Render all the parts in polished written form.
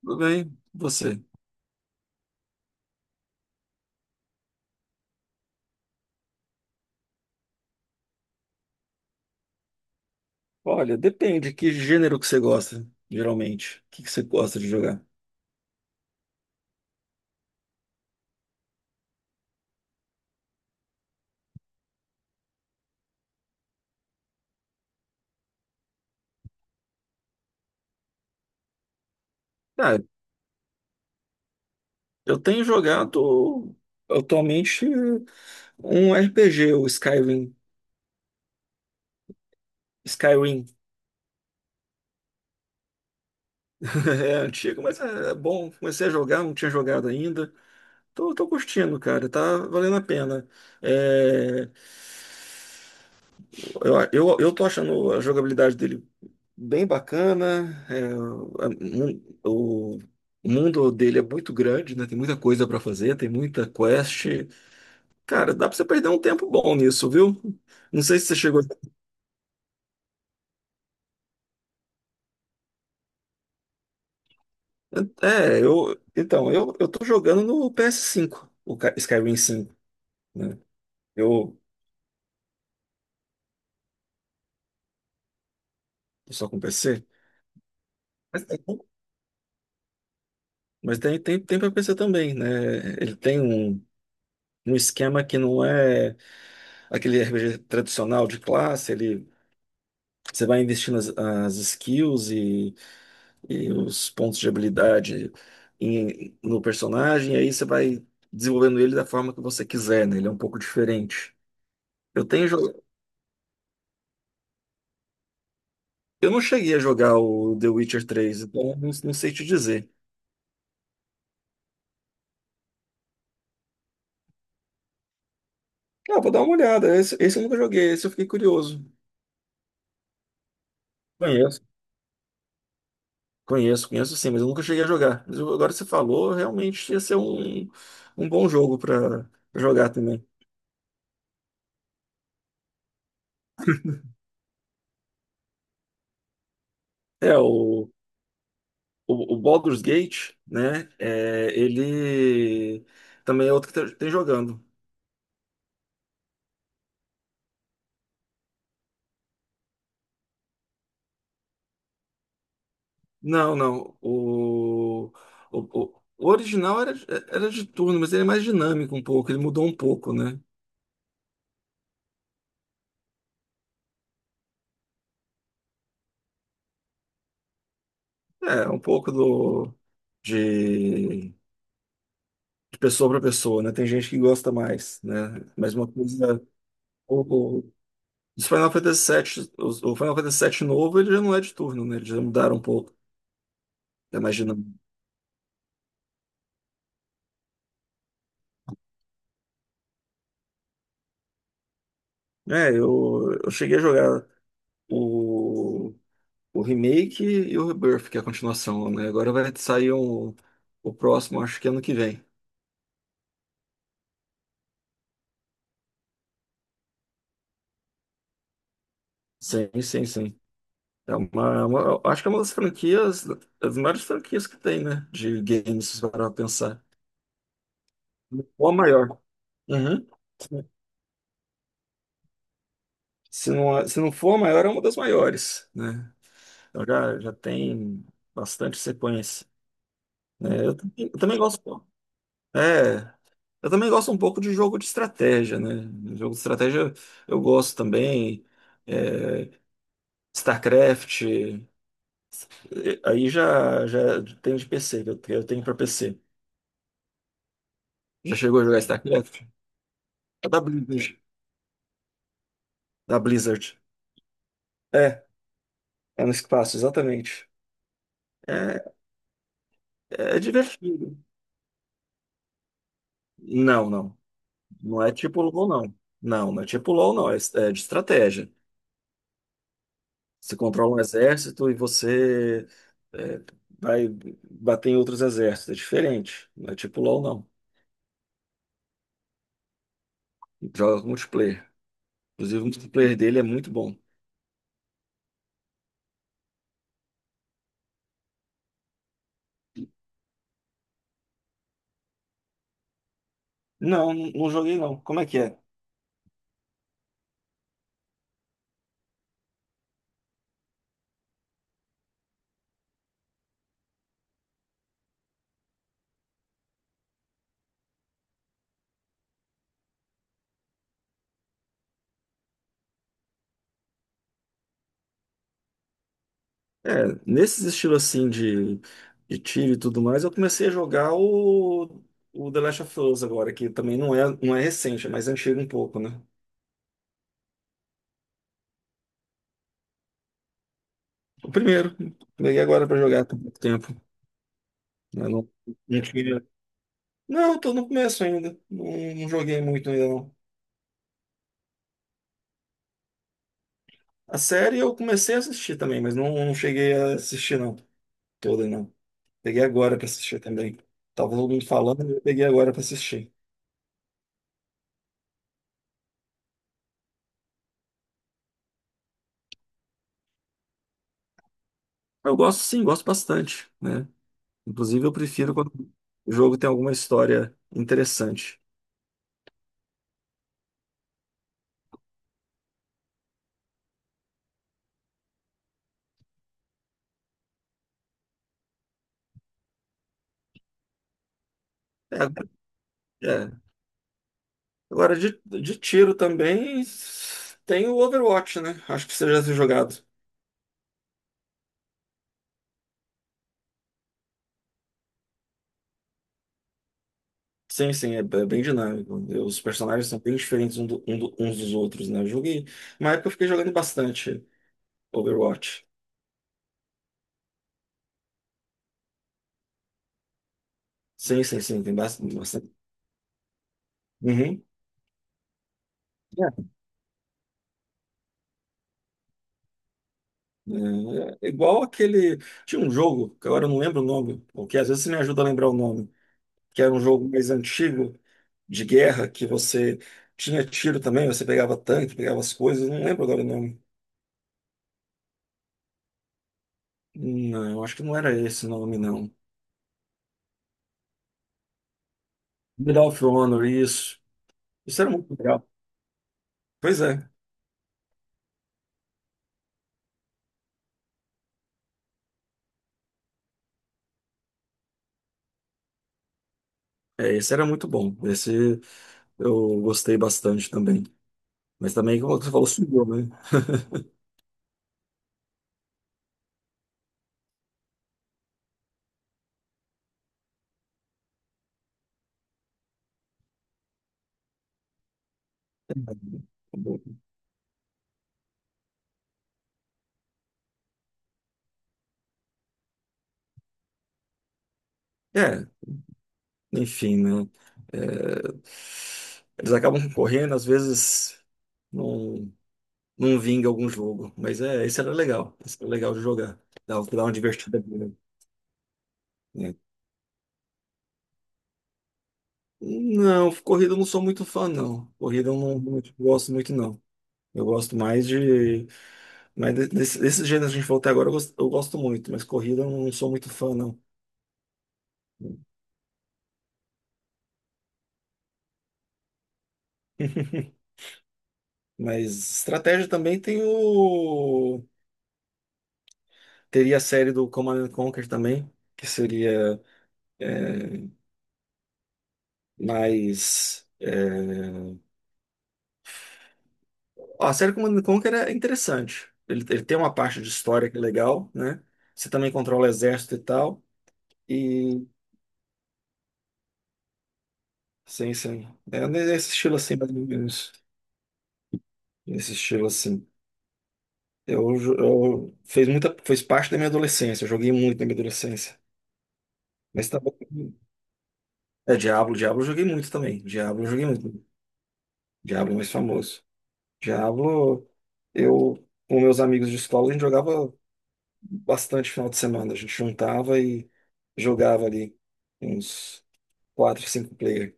Tudo bem? Você? Olha, depende que gênero que você gosta, geralmente. O que que você gosta de jogar? Ah, eu tenho jogado atualmente, um RPG, o Skyrim. Skyrim. É antigo, mas é bom. Comecei a jogar, não tinha jogado ainda. Tô curtindo, cara. Tá valendo a pena. É, eu tô achando a jogabilidade dele bem bacana. A- o mundo dele é muito grande, né? Tem muita coisa para fazer, tem muita quest. Cara, dá para você perder um tempo bom nisso, viu? Não sei se você chegou. É, eu. Então, eu tô jogando no PS5, o Skyrim 5, né? Eu tô só com PC. Mas tem, mas tem para PC também, né? Ele tem um esquema que não é aquele RPG tradicional de classe, ele. Você vai investir nas as skills e os pontos de habilidade no personagem, e aí você vai desenvolvendo ele da forma que você quiser, né? Ele é um pouco diferente. Eu tenho, jo- eu não cheguei a jogar o The Witcher 3, então eu não sei te dizer. Ah, vou dar uma olhada. Esse eu nunca joguei, esse eu fiquei curioso. Conheço. Conheço, conheço sim, mas eu nunca cheguei a jogar. Agora que você falou, realmente ia ser um bom jogo para jogar também. É, o, o Baldur's Gate, né? Ele também é outro que tem jogando. Não, não. O original era de turno, mas ele é mais dinâmico um pouco. Ele mudou um pouco, né? É, um pouco de, de pessoa para pessoa, né? Tem gente que gosta mais, né? Mas uma coisa. O, o, os Final Fantasy VII, o Final Fantasy VII novo, ele já não é de turno, né? Eles já mudaram um pouco. É mais dinâmico. É, eu cheguei a jogar. O O remake e o Rebirth, que é a continuação, né? Agora vai sair um, o próximo, acho que ano que vem. Sim, sim, sim. Acho que é uma das franquias, das maiores franquias que tem, né? De games, se parar pra pensar. Ou a maior. Uhum. Se não for a maior, é uma das maiores, né? Então já tem bastante sequência, né? Eu também gosto. É, eu também gosto um pouco de jogo de estratégia, né? Jogo de estratégia eu gosto também. é, StarCraft, aí já tem de PC, que eu tenho pra PC. Já chegou a jogar StarCraft? É da Blizzard. Da Blizzard. É, é no espaço, exatamente. É, é divertido. Não, não. Não é tipo LoL, não. Não, não é tipo LoL, não. É de estratégia. Você controla um exército e você é, vai bater em outros exércitos. É diferente. Não é tipo LoL, não. Joga multiplayer. Inclusive, o multiplayer dele é muito bom. Não, não joguei não. Como é que é? É, nesses estilos assim de tiro e tudo mais, eu comecei a jogar o The Last of Us agora, que também não é recente, é mais antigo um pouco, né? O primeiro, peguei agora pra jogar por pouco tempo. Né? Não, não tinha. Não, tô no começo ainda. Não, não joguei muito ainda, não. A série eu comecei a assistir também, mas não cheguei a assistir, não. Toda, não. Peguei agora pra assistir também. Tava todo mundo falando, eu peguei agora pra assistir. Eu gosto sim, gosto bastante, né? Inclusive eu prefiro quando o jogo tem alguma história interessante. É, é. Agora de tiro também tem o Overwatch, né? Acho que você já tem jogado. Sim, sim, é bem dinâmico. Os personagens são bem diferentes uns dos outros, né? Eu joguei. Uma época eu fiquei jogando bastante Overwatch. Sim, sim, sim, tem bastante, bastante. Uhum. É, é igual aquele. Tinha um jogo, que agora eu não lembro o nome, porque às vezes você me ajuda a lembrar o nome. Que era um jogo mais antigo de guerra, que você tinha tiro também, você pegava tanque, pegava as coisas, não lembro agora o nome. Não, acho que não era esse o nome, não. Medal of Honor, isso. Isso era muito legal. Pois é, esse era muito bom. Esse eu gostei bastante também. Mas também, como você falou, subiu, né? É, enfim, né? É, eles acabam concorrendo, às vezes não. Não vinga algum jogo. Mas é, esse era legal. Esse era legal de jogar. Dava pra dar uma divertida boa, né? Não, corrida eu não sou muito fã, não. Corrida eu não gosto muito, não. Eu gosto mais de. Mas desses gêneros que a gente falou até agora, eu gosto muito, mas corrida eu não sou muito fã, não. Mas estratégia também tem o. Teria a série do Command and Conquer também, que seria é, mais. Ó, a série Command and Conquer é interessante. Ele tem uma parte de história que é legal, né? Você também controla o exército e tal. E sim, sim. É nesse estilo assim, mais ou menos. Nesse estilo assim. Eu, jo- eu fez muita, fez parte da minha adolescência. Eu joguei muito na minha adolescência. Mas também. É Diablo, Diablo eu joguei muito também. Diablo eu joguei muito. Diablo é mais famoso. Diablo, eu com meus amigos de escola, a gente jogava bastante final de semana. A gente juntava e jogava ali uns quatro, cinco player.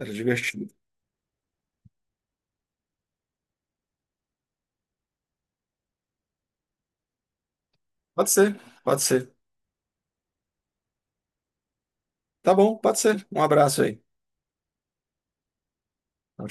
Era divertido. Pode ser, pode ser. Tá bom, pode ser. Um abraço aí.